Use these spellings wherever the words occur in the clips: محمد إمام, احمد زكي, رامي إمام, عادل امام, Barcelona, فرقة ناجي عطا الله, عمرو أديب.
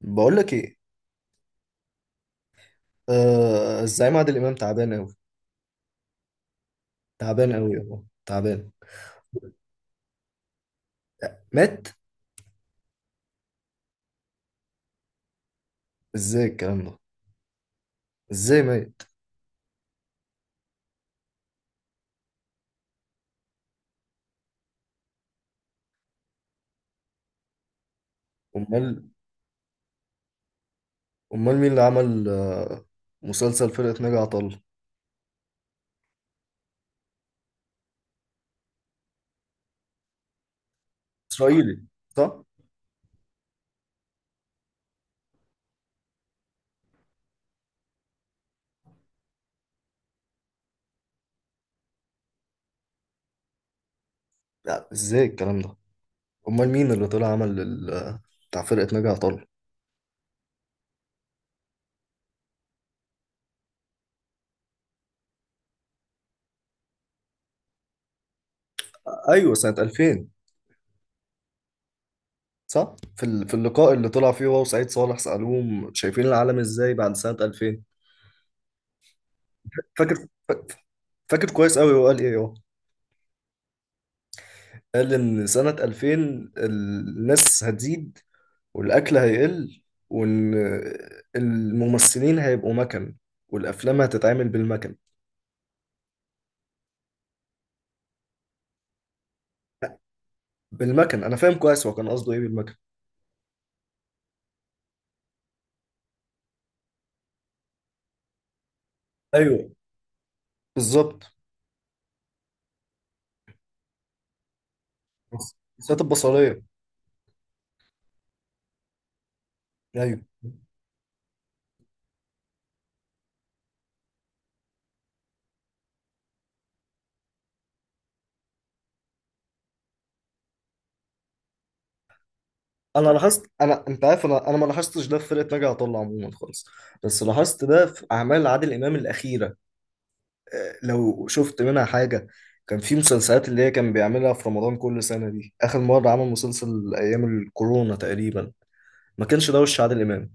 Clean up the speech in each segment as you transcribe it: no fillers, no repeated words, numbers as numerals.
بقول لك ايه. الزعيم عادل امام تعبان قوي. تعبان قوي والله تعبان. مات؟ ازاي الكلام ده؟ ازاي مات؟ امال، امال مين اللي عمل مسلسل فرقة ناجي عطا الله؟ اسرائيلي؟ صح. لا، ازاي الكلام ده؟ امال مين اللي طلع عمل بتاع فرقة ناجي عطا الله؟ ايوه، سنة 2000. صح، في في اللقاء اللي طلع فيه هو وسعيد صالح سألوهم شايفين العالم ازاي بعد سنة 2000؟ فاكر، فاكر كويس قوي هو قال ايه. قال إن سنة 2000 الناس هتزيد والأكل هيقل، وإن الممثلين هيبقوا مكن والأفلام هتتعمل بالمكن. بالمكن أنا فاهم كويس هو كان قصده إيه بالمكن. أيوه، بالظبط. الذات البصرية. أيوه. أنا لاحظت، أنا أنت عارف أنا ما لاحظتش ده في فرقة ناجي عطا الله عموما خالص، بس لاحظت ده في أعمال عادل إمام الأخيرة. لو شفت منها حاجة، كان في مسلسلات اللي هي كان بيعملها في رمضان كل سنة، دي آخر مرة عمل مسلسل أيام الكورونا تقريبا. ما كانش ده وش عادل إمام.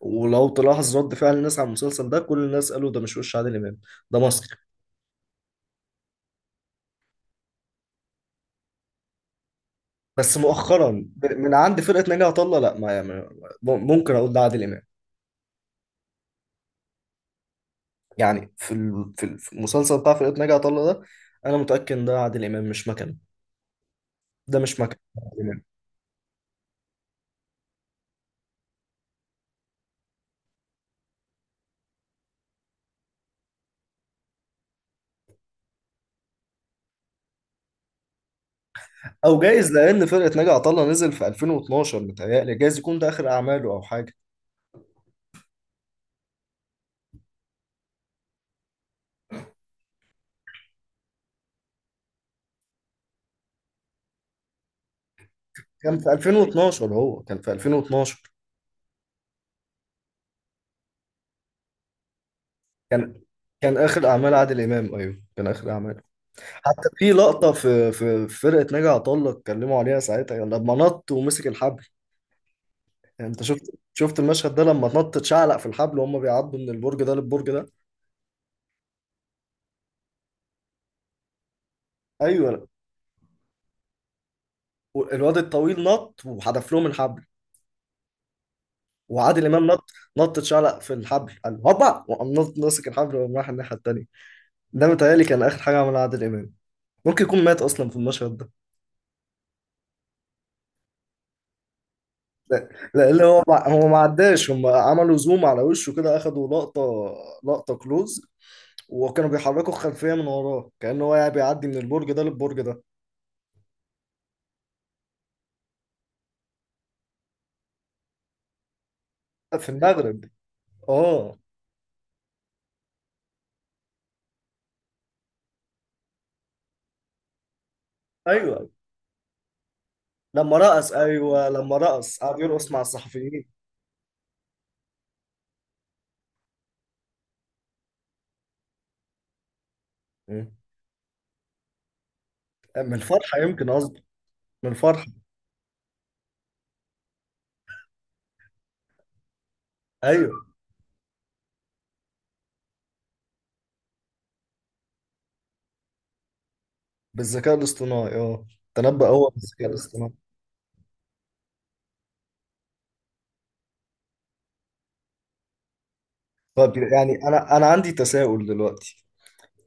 ولو تلاحظ رد فعل الناس على المسلسل ده كل الناس قالوا ده مش وش عادل إمام، ده مصري. بس مؤخرا، من عند فرقة ناجي عطا الله، لا ممكن أقول ده عادل إمام. يعني في في المسلسل بتاع فرقة ناجي عطا الله ده، أنا متأكد إن ده عادل إمام مش مكان. ده مش مكان. او جايز، لان فرقه ناجي عطا الله نزل في 2012، متهيألي جايز يكون ده اخر اعماله او حاجه. كان في 2012، هو كان في 2012. كان، كان اخر اعمال عادل امام، ايوه كان اخر اعماله. حتى في لقطه في في فرقه ناجي عطا الله اتكلموا عليها ساعتها، يعني لما نط ومسك الحبل. يعني انت شفت المشهد ده لما نط اتشعلق في الحبل وهم بيعدوا من البرج ده للبرج ده. ايوه. الواد الطويل نط وحدف لهم الحبل. وعادل امام نط. نط اتشعلق في الحبل قال هوبا، وقام ماسك الحبل وقام رايح الناحيه التانيه. ده متهيألي كان آخر حاجة عملها عادل إمام. ممكن يكون مات أصلا في المشهد ده. لا لا، اللي هو ما هو ما عداش، هم عملوا زوم على وشه كده، أخدوا لقطة، لقطة كلوز، وكانوا بيحركوا الخلفية من وراه كأنه هو يعني بيعدي من البرج ده للبرج ده. في المغرب. اه. ايوه لما رقص، ايوه لما رقص قعد يرقص مع الصحفيين. مم. من الفرحة يمكن قصدي. من الفرحة. ايوه، بالذكاء الاصطناعي. اه، تنبأ هو بالذكاء الاصطناعي. طب يعني انا عندي تساؤل دلوقتي.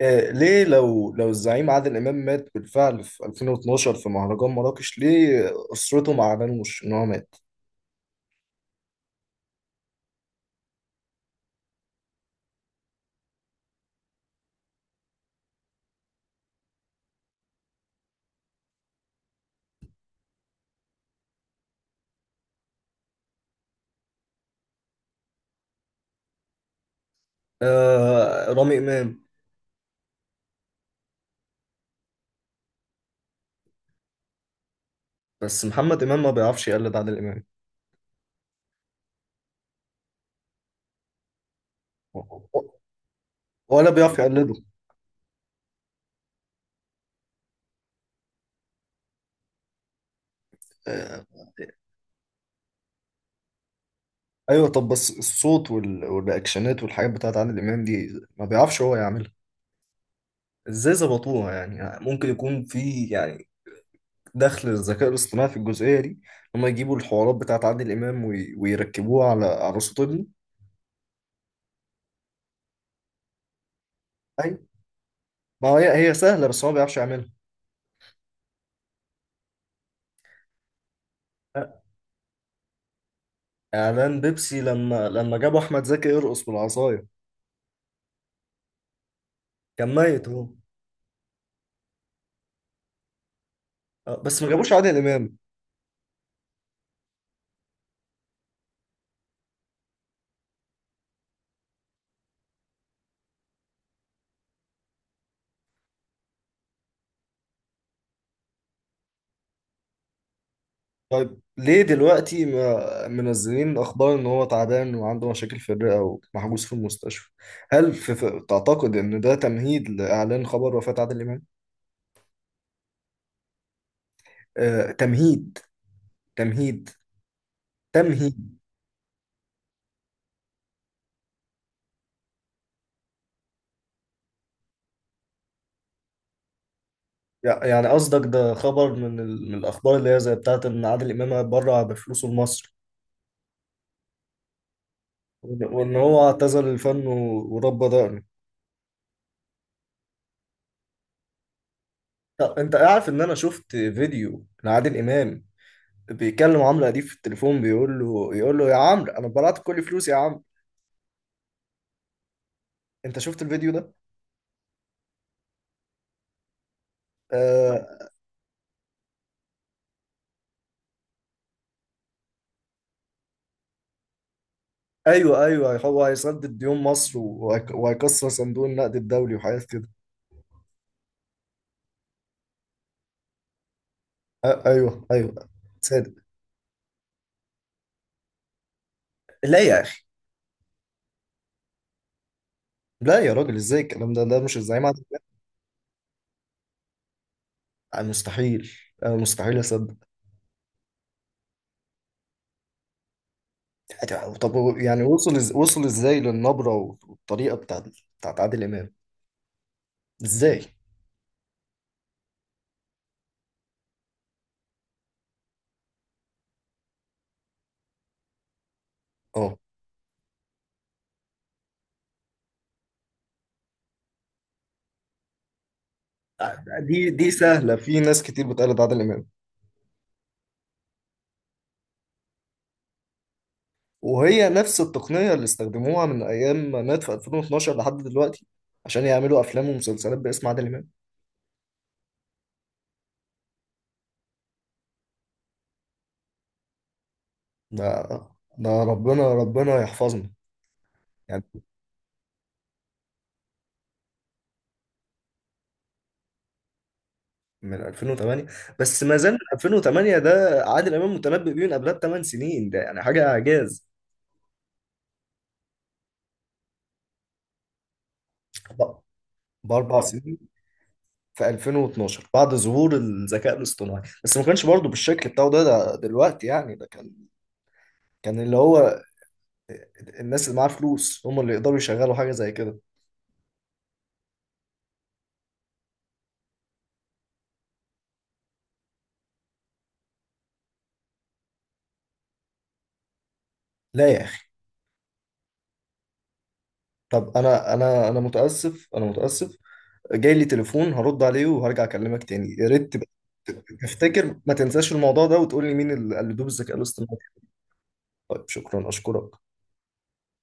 ليه، لو الزعيم عادل إمام مات بالفعل في 2012 في مهرجان مراكش، ليه أسرته ما أعلنوش إن هو مات؟ آه، رامي إمام. بس محمد إمام ما بيعرفش يقلد عادل إمام، ولا بيعرف يقلده. آه، أيوه. طب بس الصوت والرياكشنات والحاجات بتاعت عادل إمام دي ما بيعرفش هو يعملها. إزاي ظبطوها؟ يعني ممكن يكون في، يعني دخل الذكاء الاصطناعي في الجزئية دي. هما يجيبوا الحوارات بتاعت عادل إمام ويركبوها على على صوت ابنه. أيوة. ما هي هي سهلة، بس هو ما بيعرفش يعملها. اعلان بيبسي لما، لما جابوا احمد زكي يرقص بالعصاية. كان ميت هو. بس ما جابوش عادل امام. طيب، ليه دلوقتي ما منزلين اخبار ان هو تعبان وعنده مشاكل في الرئة ومحجوز في المستشفى؟ هل في، في تعتقد ان ده تمهيد لاعلان خبر وفاة عادل امام؟ آه، تمهيد، تمهيد، تمهيد. يعني قصدك ده خبر من ال... من الاخبار اللي هي زي بتاعت ان عادل امام بره بفلوسه لمصر، وإن، وإن هو اعتزل الفن ورب ضهره. طب أنت عارف إن أنا شفت فيديو لعادل إمام بيكلم عمرو أديب في التليفون، بيقول له، يقول له يا عمرو أنا اتبرعت بكل فلوسي يا عمرو. أنت شفت الفيديو ده؟ آه أيوه أيوه، هو هيسدد ديون مصر وهيكسر صندوق النقد الدولي وحاجات كده. آه أيوه أيوه، صادق. لا يا أخي. لا يا راجل، إزاي الكلام ده؟ ده مش الزعيم عادل إمام. مستحيل. مستحيل أصدق. طب يعني وصل وصل ازاي للنبرة والطريقة بتاعت، بتاعت عادل إمام؟ ازاي؟ اه، دي دي سهلة، في ناس كتير بتقلد عادل إمام. وهي نفس التقنية اللي استخدموها من أيام ما مات في 2012 لحد دلوقتي، عشان يعملوا أفلام ومسلسلات باسم عادل إمام. ده، ده ربنا، ربنا يحفظنا. يعني من 2008. بس ما زال من 2008 ده، عادل إمام متنبئ بيه من قبلها ب8 سنين، ده يعني حاجة إعجاز. ب- بأربع سنين. في 2012 بعد ظهور الذكاء الاصطناعي، بس ما كانش برضه بالشكل بتاعه ده، ده دلوقتي يعني. ده كان، كان اللي هو الناس اللي معاها فلوس هم اللي يقدروا يشغلوا حاجة زي كده. لا يا أخي. طب أنا، أنا متأسف، أنا متأسف. جاي لي تليفون هرد عليه وهرجع أكلمك تاني، يا ريت تبقى تفتكر ما تنساش الموضوع ده وتقول لي مين اللي قلدوه بالذكاء الاصطناعي. طيب شكرا، أشكرك.